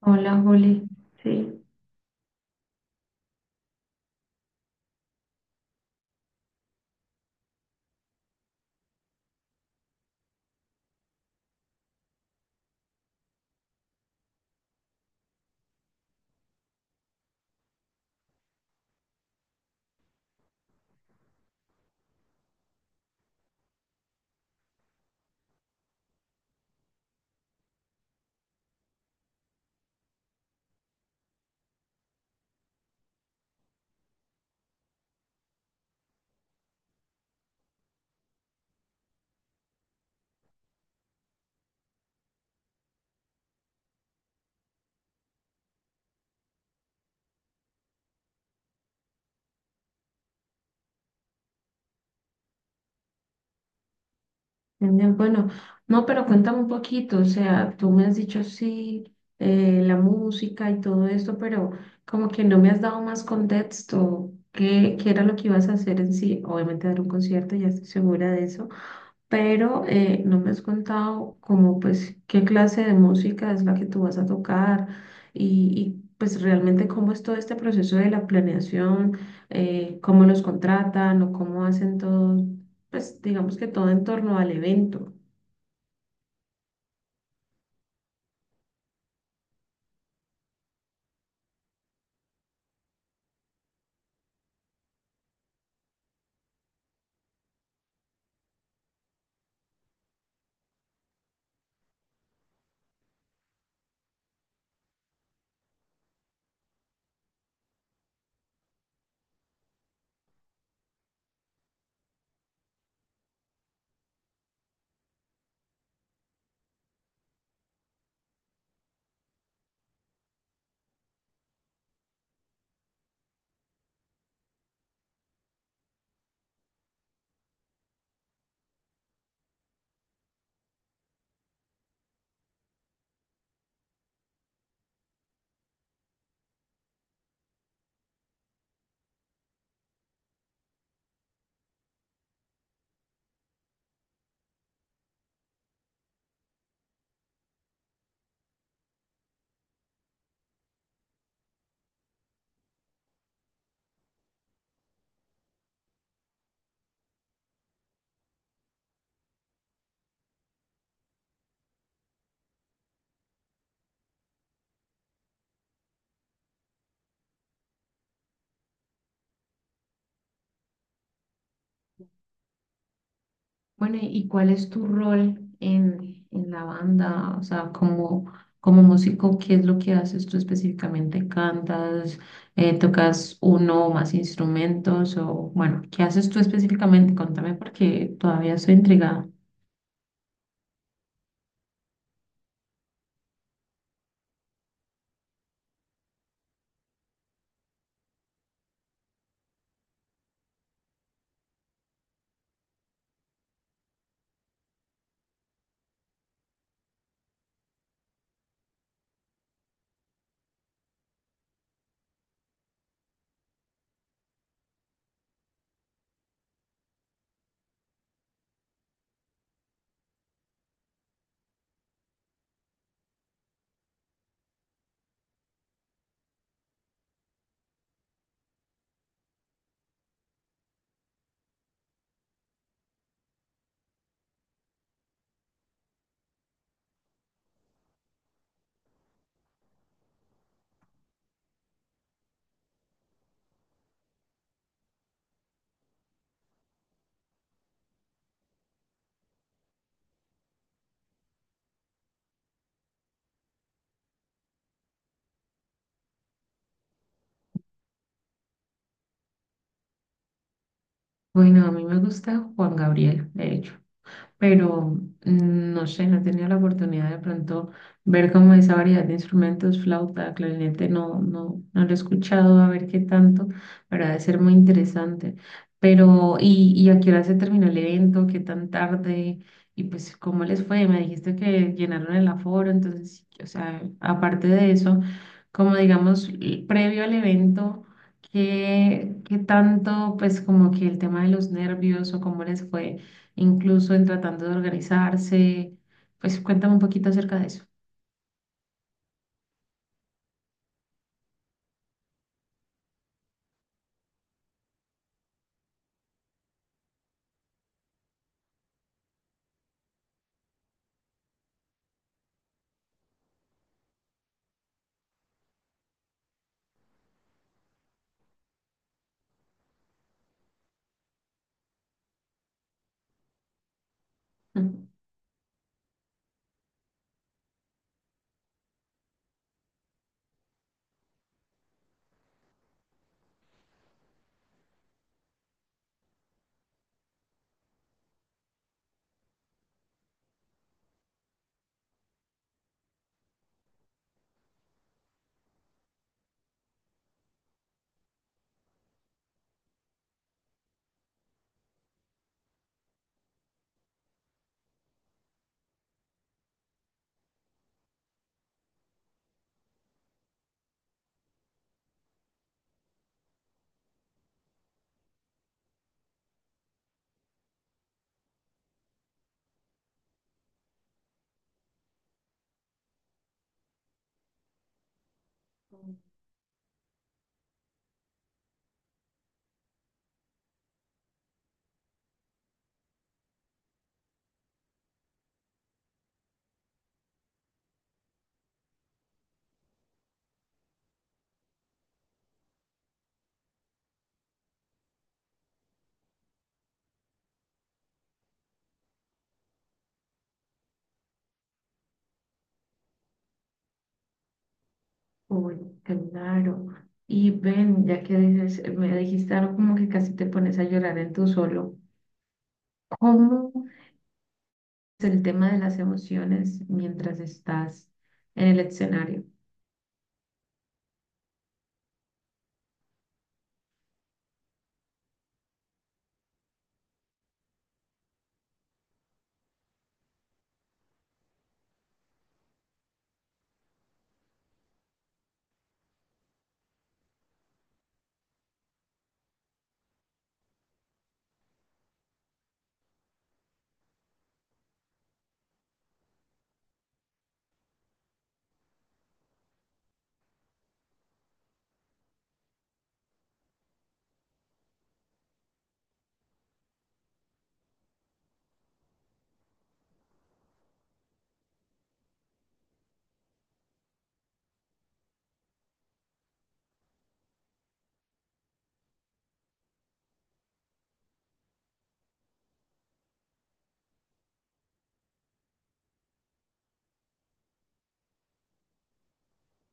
Hola, Juli. Sí, bien, bueno. No, pero cuéntame un poquito, o sea, tú me has dicho sí, la música y todo esto, pero como que no me has dado más contexto. ¿Qué era lo que ibas a hacer en sí? Obviamente dar un concierto, ya estoy segura de eso, pero no me has contado como pues qué clase de música es la que tú vas a tocar pues realmente cómo es todo este proceso de la planeación, cómo los contratan o cómo hacen todo, pues digamos que todo en torno al evento. Bueno, ¿y cuál es tu rol en la banda? O sea, como, como músico, ¿qué es lo que haces tú específicamente? ¿Cantas? ¿Tocas uno o más instrumentos? O bueno, ¿qué haces tú específicamente? Contame porque todavía estoy intrigada. Bueno, a mí me gusta Juan Gabriel, de hecho. Pero mm, no sé, no he tenido la oportunidad de pronto ver como esa variedad de instrumentos, flauta, clarinete, no, no, no lo he escuchado, a ver qué tanto, pero ha de ser muy interesante. Pero, ¿y a qué hora se terminó el evento? ¿Qué tan tarde? Y pues, ¿cómo les fue? Me dijiste que llenaron el aforo, entonces, o sea, aparte de eso, como digamos, previo al evento, ¿qué tanto, pues, como que el tema de los nervios o cómo les fue, incluso en tratando de organizarse? Pues cuéntame un poquito acerca de eso. Ujú. Uy, claro. Y ven, ya que dices, me dijiste algo como que casi te pones a llorar en tu solo. ¿Cómo es el tema de las emociones mientras estás en el escenario?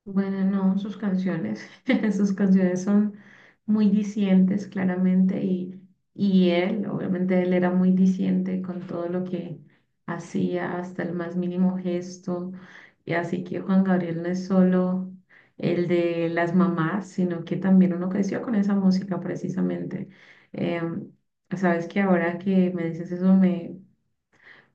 Bueno, no, sus canciones, sus canciones son muy dicientes, claramente, y él, obviamente, él era muy diciente con todo lo que hacía, hasta el más mínimo gesto, y así que Juan Gabriel no es solo el de las mamás, sino que también uno creció con esa música, precisamente. Em, sabes que ahora que me dices eso, me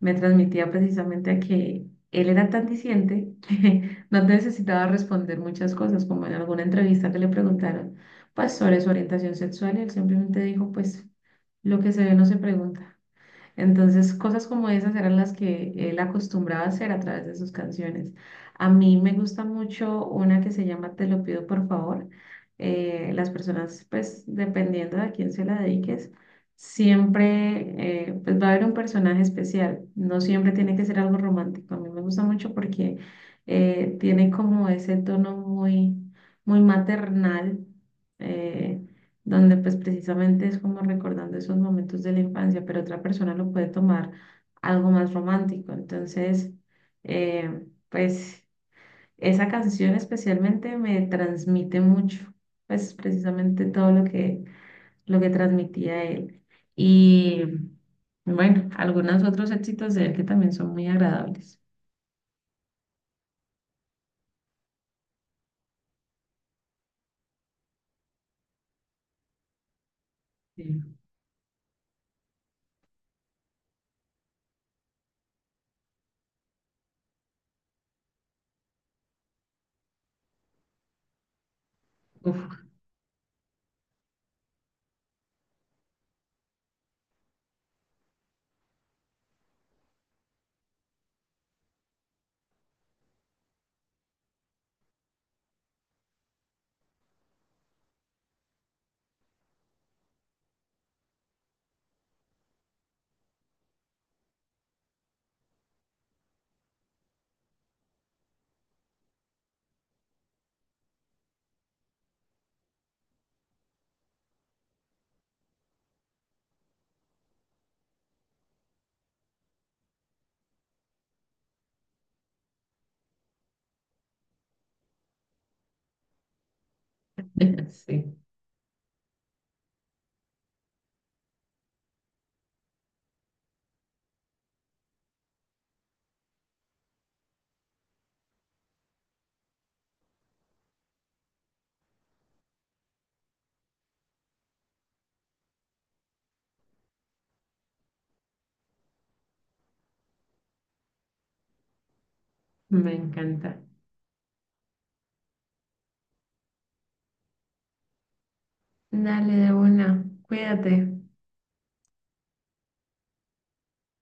me transmitía precisamente a que él era tan disidente que no necesitaba responder muchas cosas, como en alguna entrevista que le preguntaron, pues sobre su orientación sexual, y él simplemente dijo, pues lo que se ve no se pregunta. Entonces, cosas como esas eran las que él acostumbraba a hacer a través de sus canciones. A mí me gusta mucho una que se llama Te lo pido por favor. Las personas, pues, dependiendo de a quién se la dediques, siempre pues, va a haber un personaje especial. No siempre tiene que ser algo romántico. A mí me gusta mucho porque tiene como ese tono muy, muy maternal, eh, donde pues precisamente es como recordando esos momentos de la infancia, pero otra persona lo puede tomar algo más romántico. Entonces, pues esa canción especialmente me transmite mucho, pues precisamente todo lo que transmitía él. Y bueno, algunos otros éxitos de él que también son muy agradables. Sí. Uf, sí, me encanta. Dale de una, cuídate.